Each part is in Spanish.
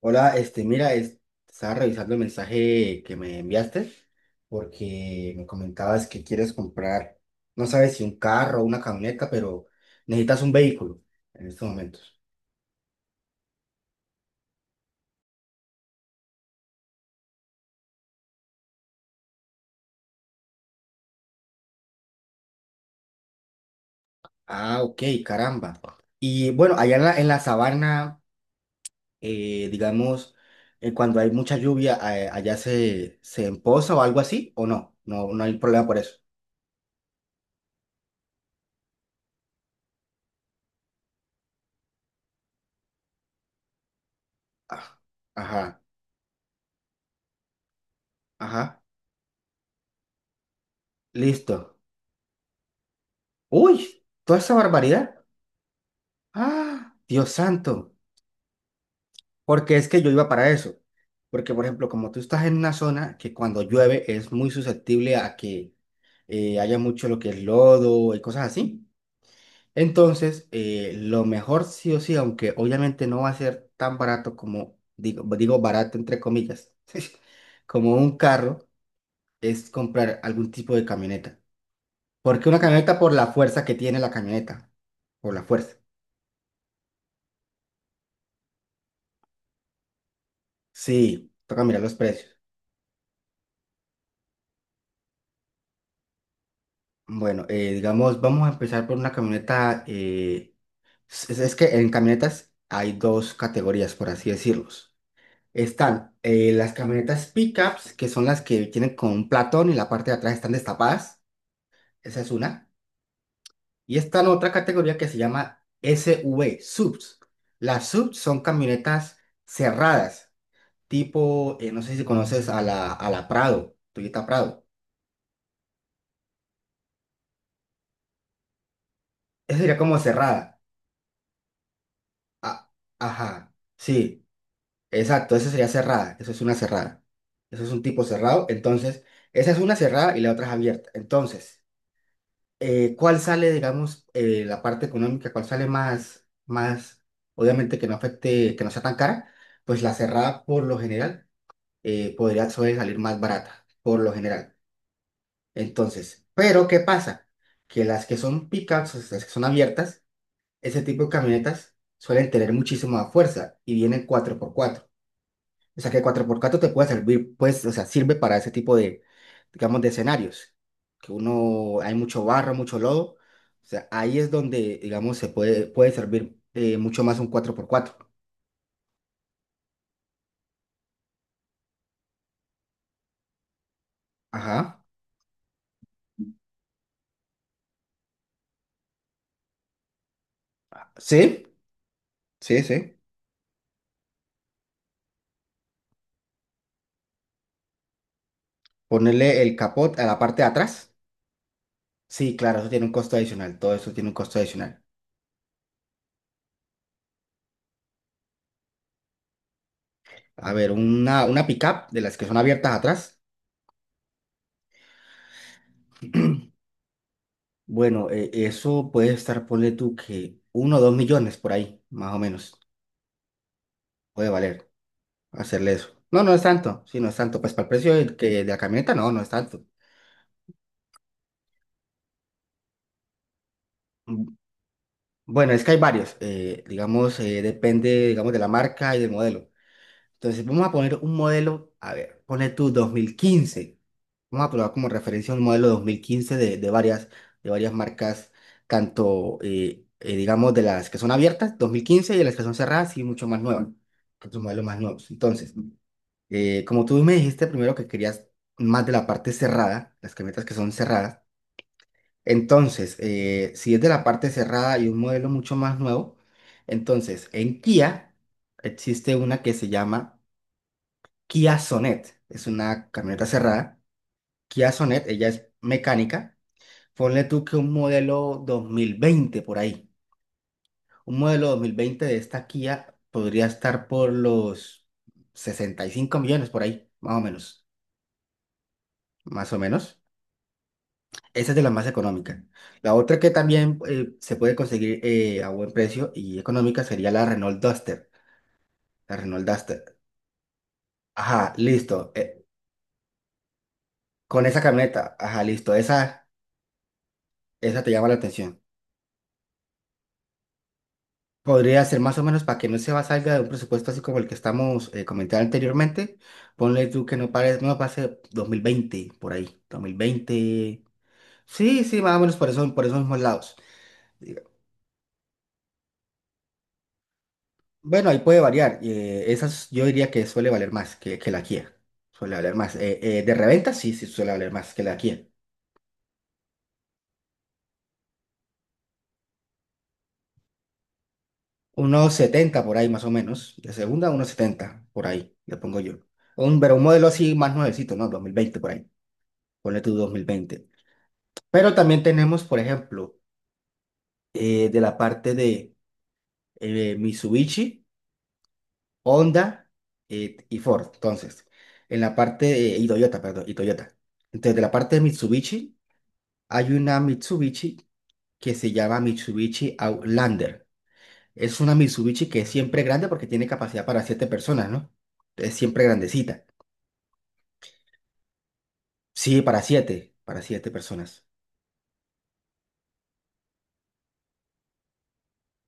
Hola, este, mira, es- Estaba revisando el mensaje que me enviaste porque me comentabas que quieres comprar, no sabes si un carro o una camioneta, pero necesitas un vehículo en estos momentos. Ah, ok, caramba. Y bueno, allá en la sabana, digamos, cuando hay mucha lluvia, allá se empoza o algo así, ¿o no? No, no hay problema por eso. Ah, ajá, ajá, listo. Uy, toda esa barbaridad. Ah, Dios santo, porque es que yo iba para eso. Porque, por ejemplo, como tú estás en una zona que cuando llueve es muy susceptible a que haya mucho lo que es lodo y cosas así. Entonces, lo mejor sí o sí, aunque obviamente no va a ser tan barato como, digo, digo barato entre comillas, como un carro, es comprar algún tipo de camioneta. Porque una camioneta por la fuerza que tiene la camioneta, por la fuerza. Sí, toca mirar los precios. Bueno, digamos, vamos a empezar por una camioneta. Es que en camionetas hay dos categorías, por así decirlos. Están las camionetas pickups, que son las que tienen con un platón y la parte de atrás están destapadas. Esa es una. Y está en otra categoría que se llama SUV, subs. Las subs son camionetas cerradas, tipo, no sé si conoces a la Prado, Toyota Prado. Esa sería como cerrada. Ah, ajá. Sí, exacto, esa sería cerrada, eso es una cerrada. Eso es un tipo cerrado, entonces, esa es una cerrada y la otra es abierta. Entonces, ¿cuál sale, digamos, la parte económica, cuál sale obviamente que no afecte, que no sea tan cara? Pues la cerrada, por lo general, podría suele salir más barata, por lo general. Entonces, pero ¿qué pasa? Que las que son pickups, o sea, las que son abiertas, ese tipo de camionetas suelen tener muchísima fuerza y vienen cuatro por cuatro. O sea, que el 4x4 te puede servir, pues, o sea, sirve para ese tipo de, digamos, de escenarios, que uno, hay mucho barro, mucho lodo. O sea, ahí es donde, digamos, puede servir mucho más un cuatro por cuatro. Ajá. Sí, sí, sí. Ponerle el capot a la parte de atrás. Sí, claro, eso tiene un costo adicional. Todo eso tiene un costo adicional. A ver, una pickup de las que son abiertas atrás. Bueno, eso puede estar, ponle tú que uno o 2 millones por ahí, más o menos. Puede valer hacerle eso. No, no es tanto, sí, no es tanto. Pues para el precio de, que, de la camioneta, no, no es tanto. Mm, bueno, es que hay varios, digamos, depende, digamos, de la marca y del modelo. Entonces, vamos a poner un modelo, a ver, pone tú 2015. Vamos a probar como referencia un modelo 2015 de varias, de varias marcas, tanto, digamos, de las que son abiertas, 2015, y de las que son cerradas y mucho más nuevas, otros modelos más nuevos. Entonces, como tú me dijiste primero que querías más de la parte cerrada, las camionetas que son cerradas, entonces, si es de la parte cerrada y un modelo mucho más nuevo, entonces en Kia existe una que se llama Kia Sonet, es una camioneta cerrada. Kia Sonet, ella es mecánica. Ponle tú que un modelo 2020 por ahí. Un modelo 2020 de esta Kia podría estar por los 65 millones por ahí, más o menos. Más o menos. Esa es de la más económica. La otra que también se puede conseguir a buen precio y económica sería la Renault Duster. La Renault Duster. Ajá, listo. Con esa camioneta, ajá, listo. Esa te llama la atención. Podría ser más o menos para que no se va salga de un presupuesto así como el que estamos comentando anteriormente. Ponle tú que no pare, no pase 2020 por ahí. Dos mil veinte. Sí, sí, más o menos por eso, por esos mismos lados. Bueno, ahí puede variar. Esas yo diría que suele valer más que la Kia. Suele valer más. De reventa, sí, sí, suele valer más que la Kia. Unos 70 por ahí más o menos. De segunda, unos 70 por ahí, le pongo yo. Un, pero un modelo así más nuevecito, ¿no? Dos mil veinte por ahí. Ponle tú 2020. Pero también tenemos, por ejemplo, de la parte de Mitsubishi, Honda y Ford. Entonces, en la parte, de- y Toyota, perdón, y Toyota. Entonces, de la parte de Mitsubishi. Hay una Mitsubishi que se llama Mitsubishi Outlander. Es una Mitsubishi que es siempre grande porque tiene capacidad para siete personas, ¿no? Es siempre grandecita. Sí, para siete personas.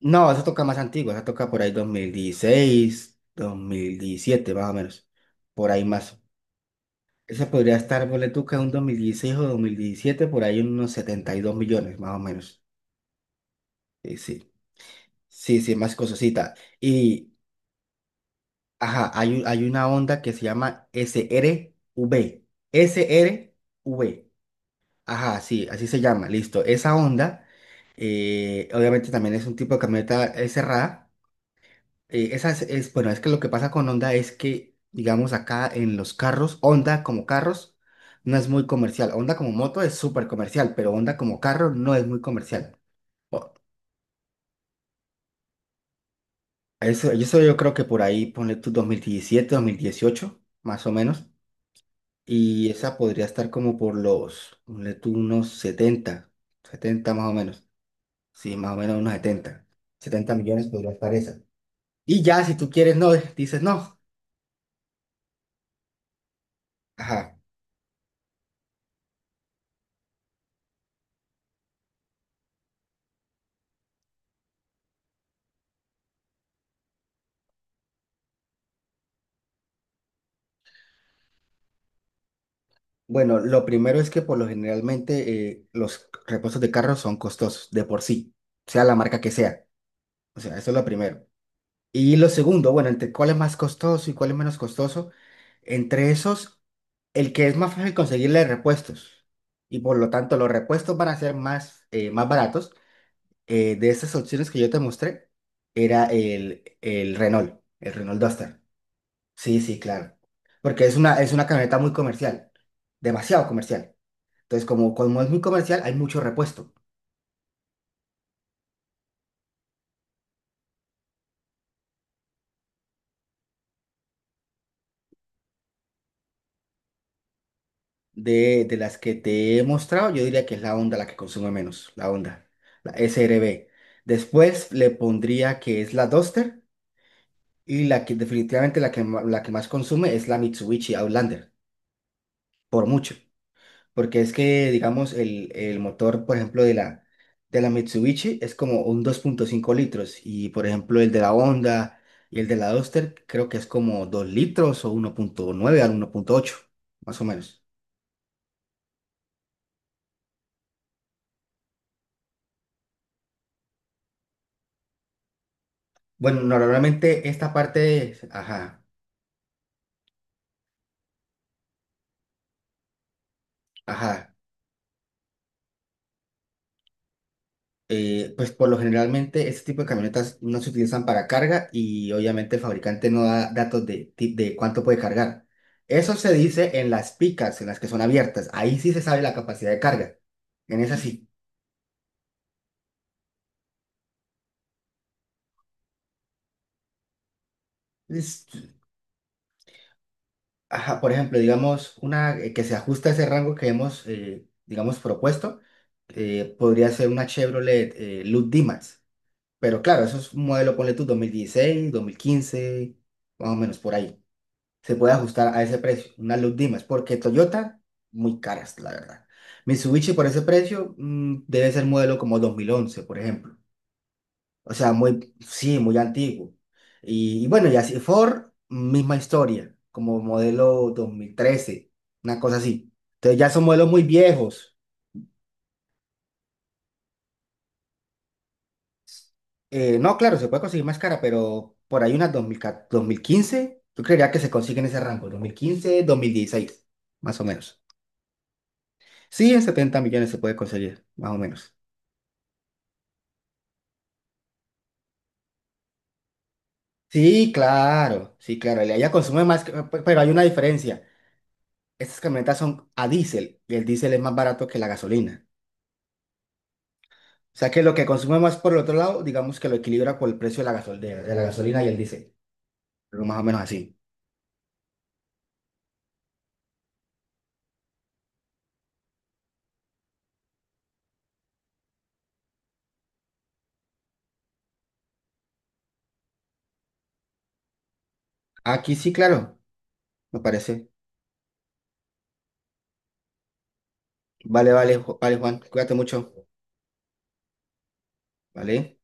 No, esa toca más antigua, esa toca por ahí dos mil dieciséis dos mil diecisiete más o menos. Por ahí más. Esa podría estar, ponle tú que en un 2016 o 2017 por ahí unos 72 millones, más o menos. Sí, sí, sí, sí, más cososita. Y ajá, hay, un- hay una onda que se llama SRV. SRV. Ajá, sí, así se llama, listo. Esa onda, obviamente también es un tipo de camioneta cerrada. Esa es- bueno, es que lo que pasa con Honda es que, digamos, acá en los carros, Honda como carros no es muy comercial. Honda como moto es súper comercial, pero Honda como carro no es muy comercial. O- eso yo creo que por ahí, ponle tú 2017, 2018, más o menos. Y esa podría estar como por los, ponle tú, unos 70 70 más o menos. Sí, más o menos unos 70 70 millones podría estar esa. Y ya, si tú quieres, no, dices no. Ajá. Bueno, lo primero es que por lo generalmente los repuestos de carros son costosos de por sí, sea la marca que sea. O sea, eso es lo primero. Y lo segundo, bueno, entre cuál es más costoso y cuál es menos costoso, entre esos, el que es más fácil conseguirle repuestos. Y por lo tanto, los repuestos van a ser más, más baratos. De esas opciones que yo te mostré, era el Renault Duster. Sí, sí, claro. Porque es una camioneta muy comercial, demasiado comercial. Entonces, como es muy comercial, hay mucho repuesto. De las que te he mostrado, yo diría que es la Honda la que consume menos, la Honda, la SRB. Después le pondría que es la Duster y la que definitivamente la que, ma- la que más consume es la Mitsubishi Outlander, por mucho. Porque es que, digamos, el motor, por ejemplo, de la Mitsubishi es como un 2.5 litros y, por ejemplo, el de la Honda y el de la Duster creo que es como 2 litros o 1.9 al 1.8, más o menos. Bueno, normalmente esta parte es- ajá, ajá. Pues por lo generalmente este tipo de camionetas no se utilizan para carga y obviamente el fabricante no da datos de, ti- de cuánto puede cargar. Eso se dice en las picas, en las que son abiertas. Ahí sí se sabe la capacidad de carga. En esas sí. Es- ajá, por ejemplo, digamos, una que se ajusta a ese rango que hemos, digamos, propuesto, podría ser una Chevrolet Demax. Pero claro, eso es un modelo, ponle tú, 2016, 2015, más o menos por ahí. Se puede ajustar a ese precio, una luz Dimas, porque Toyota, muy caras, la verdad. Mitsubishi por ese precio debe ser modelo como 2011, por ejemplo. O sea, muy, sí, muy antiguo. Y bueno, y así Ford, misma historia, como modelo 2013, una cosa así. Entonces ya son modelos muy viejos. No, claro, se puede conseguir más cara, pero por ahí unas dos mil dos mil quince. Yo creería que se consigue en ese rango, dos mil quince, dos mil dieciséis, más o menos. Sí, en 70 millones se puede conseguir, más o menos. Sí, claro, sí, claro, el de allá consume más, que- pe- pero hay una diferencia. Estas camionetas son a diésel y el diésel es más barato que la gasolina. O sea que lo que consume más por el otro lado, digamos que lo equilibra por el precio de la gasol- de la gasolina y el diésel, pero más o menos así. Aquí sí, claro, me parece. Vale, vale, Ju- vale, Juan, cuídate mucho, ¿vale?